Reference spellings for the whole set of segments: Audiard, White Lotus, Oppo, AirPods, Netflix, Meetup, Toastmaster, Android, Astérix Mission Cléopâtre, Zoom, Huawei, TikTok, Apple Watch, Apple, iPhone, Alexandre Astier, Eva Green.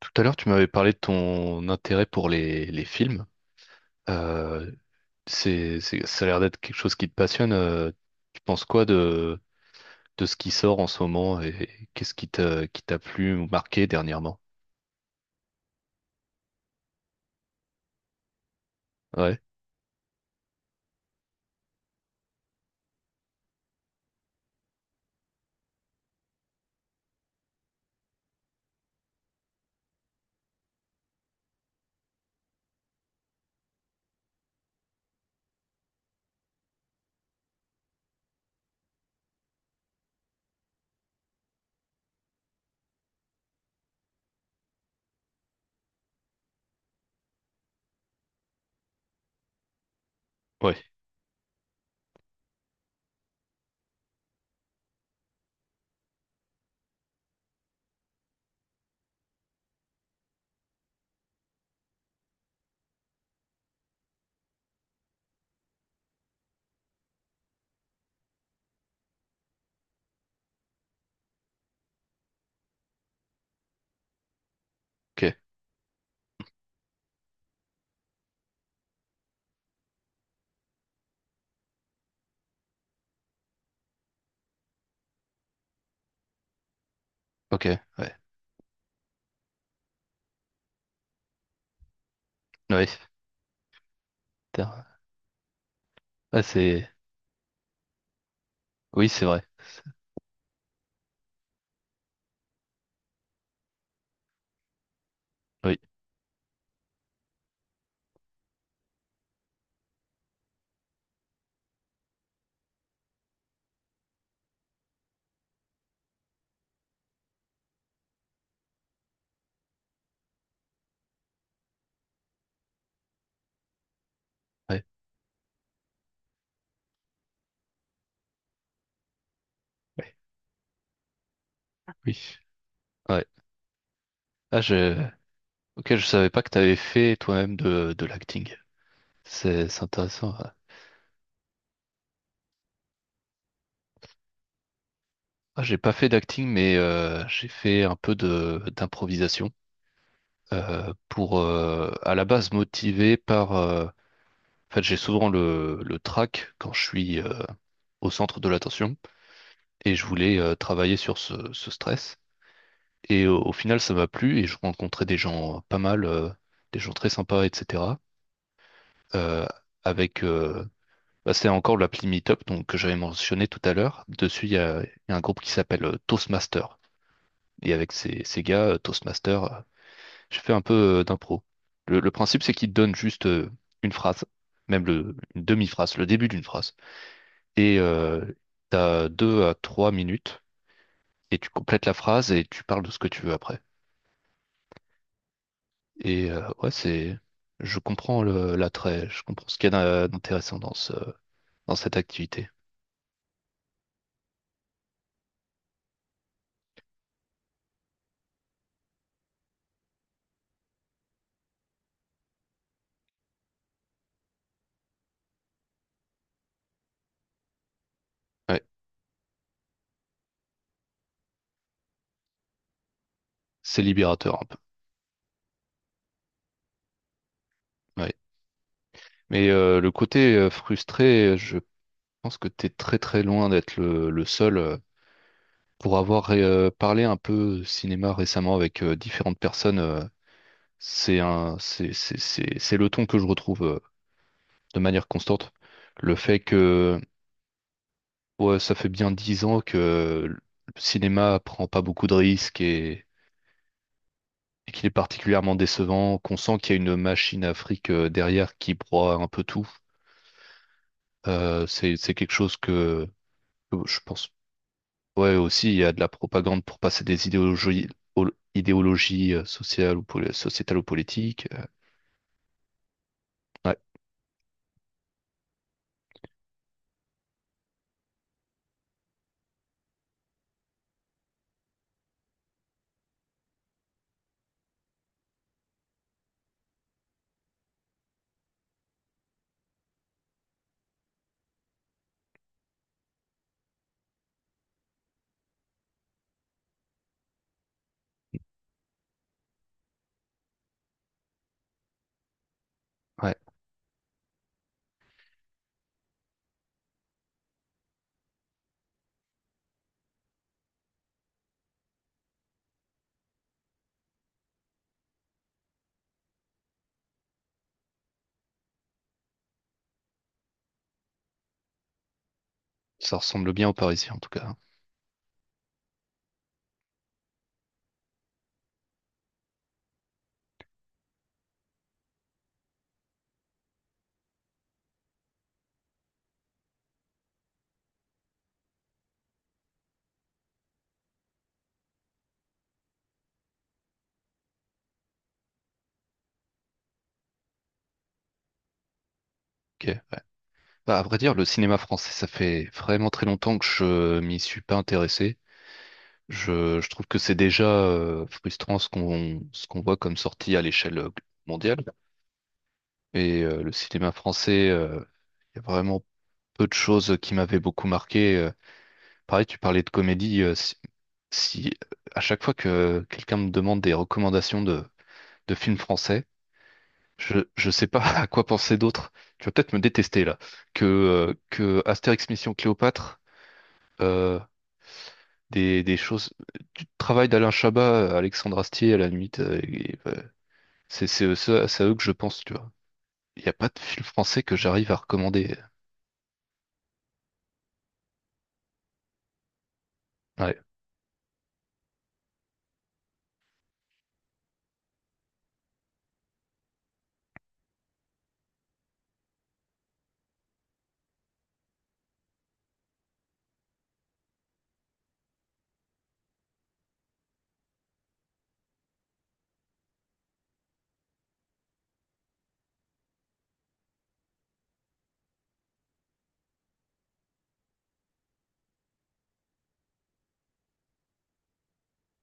Tout à l'heure, tu m'avais parlé de ton intérêt pour les films. Euh, ça a l'air d'être quelque chose qui te passionne. Tu penses quoi de ce qui sort en ce moment et qu'est-ce qui t'a plu ou marqué dernièrement? Ouais, ouais, ok, ok, ouais, ouais, putain. Ah, c'est, oui, c'est vrai, oui, ouais, ouais, oui, ouais. Ah, ok, je savais pas que t'avais fait toi-même de l'acting. C'est intéressant. Ouais. Ah, j'ai pas fait d'acting, mais j'ai fait un peu de d'improvisation pour à la base motivé par. En fait, j'ai souvent le trac quand je suis au centre de l'attention et je voulais travailler sur ce stress. Et au final, ça m'a plu et je rencontrais des gens pas mal, des gens très sympas, etc. Euh, avec bah, c'est encore l'appli Meetup donc que j'avais mentionné tout à l'heure. Dessus, il y a un groupe qui s'appelle Toastmaster. Et avec ces gars, Toastmaster. Je fais un peu d'impro. Le principe, c'est qu'il te donne juste une phrase, même une demi-phrase, le début d'une phrase. Et t'as 2 à 3 minutes, et tu complètes la phrase et tu parles de ce que tu veux après. Et ouais, c'est. Je comprends l'attrait, je comprends ce qu'il y a d'intéressant dans cette activité. Ouais. C'est libérateur un peu. Ouais. Mais le côté frustré, je pense que t'es très très loin d'être le seul. Pour avoir parlé un peu cinéma récemment avec différentes personnes, c'est un, c'est le ton que je retrouve de manière constante. Le fait que, ouais, ça fait bien 10 ans que le cinéma prend pas beaucoup de risques et qu'il est particulièrement décevant, qu'on sent qu'il y a une machine à fric derrière qui broie un peu tout. C'est quelque chose que je pense, ouais, aussi, il y a de la propagande pour passer des idéologies, idéologies sociales ou sociétales ou politiques. Ouais, ouais, ça ressemble bien aux Parisiens, en tout cas, hein. Ok, ouais. Bah, à vrai dire, le cinéma français, ça fait vraiment très longtemps que je m'y suis pas intéressé. Je trouve que c'est déjà frustrant ce qu'on voit comme sortie à l'échelle mondiale. Et le cinéma français, il y a vraiment peu de choses qui m'avaient beaucoup marqué. Pareil, tu parlais de comédie. Si à chaque fois que quelqu'un me demande des recommandations de films français, je sais pas à quoi penser d'autre. Tu vas peut-être me détester là. Que Astérix Mission Cléopâtre, euh, des choses, du travail d'Alain Chabat, Alexandre Astier à la limite, c'est à eux que je pense, tu vois. Il n'y a pas de film français que j'arrive à recommander. Ouais.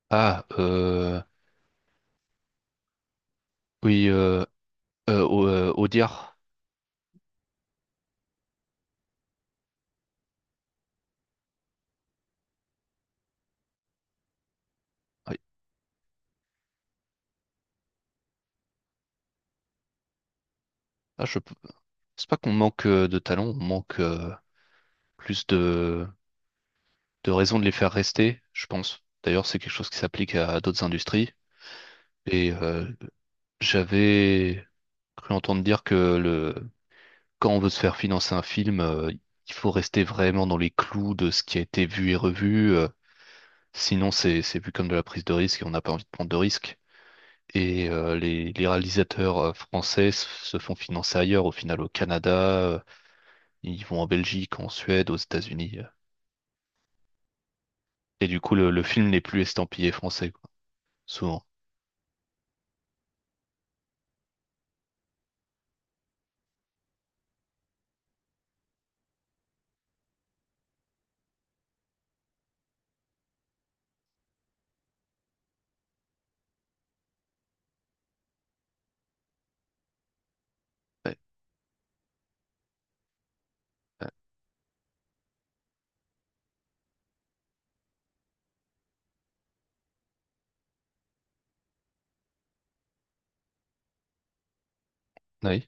Ah, oui, Audiard. Oui. Ah, je pense pas qu'on manque de talent, on manque, plus de raisons de les faire rester, je pense. D'ailleurs, c'est quelque chose qui s'applique à d'autres industries. Et j'avais cru entendre dire que quand on veut se faire financer un film, il faut rester vraiment dans les clous de ce qui a été vu et revu. Sinon, c'est vu comme de la prise de risque et on n'a pas envie de prendre de risques. Et les réalisateurs français se font financer ailleurs, au final au Canada, ils vont en Belgique, en Suède, aux États-Unis. Et du coup, le film n'est plus estampillé français, quoi. Sous- Ouais, ouais, oui,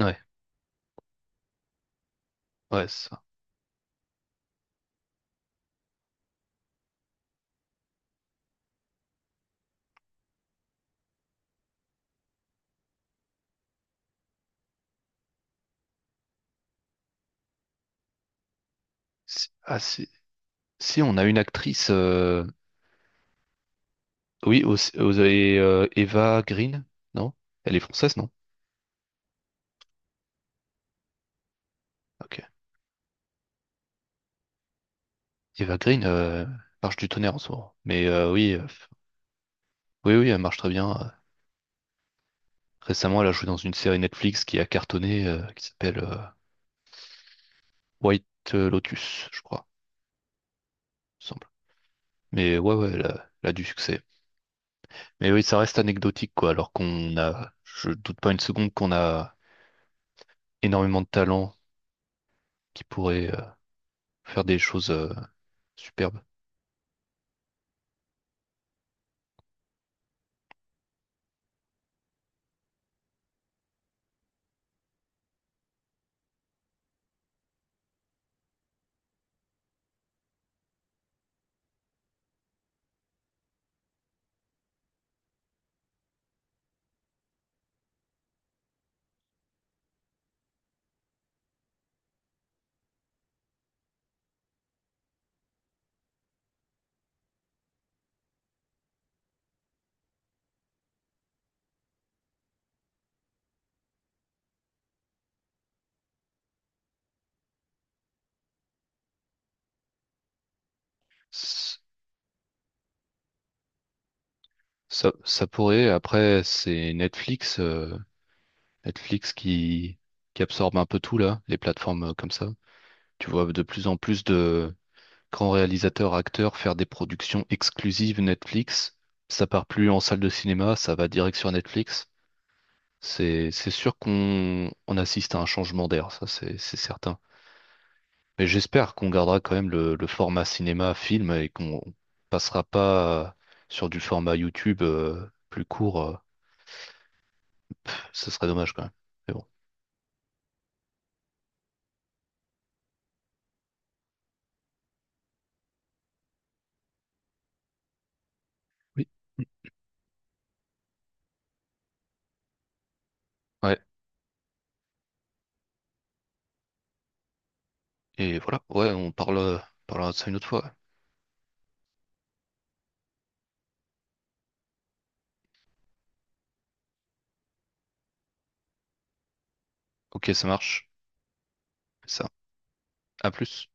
ouais, ouais, c'est ça. Si, ah, si, si, on a une actrice, oui, vous avez Eva Green, non? Elle est française, non? Ok. Eva Green marche du tonnerre en ce moment. Mais oui, oui, oui, elle marche très bien. Récemment, elle a joué dans une série Netflix qui a cartonné, qui s'appelle White Lotus, je crois, il me semble. Mais ouais, ouais, elle a du succès. Mais oui, ça reste anecdotique, quoi, alors qu'on a, je doute pas une seconde qu'on a énormément de talent qui pourrait faire des choses superbes. S- ça pourrait, après, c'est Netflix qui absorbe un peu tout là, les plateformes comme ça. Tu vois de plus en plus de grands réalisateurs, acteurs faire des productions exclusives Netflix. Ça part plus en salle de cinéma, ça va direct sur Netflix. C'est sûr qu'on assiste à un changement d'air, ça c'est certain. Mais j'espère qu'on gardera quand même le format cinéma-film et qu'on passera pas sur du format YouTube plus court. Ce serait dommage quand même. Mais bon. Oui. Ouais, et voilà. Ouais, on parlera de ça une autre fois. Ouais. Ok, ça marche. Ça. À plus.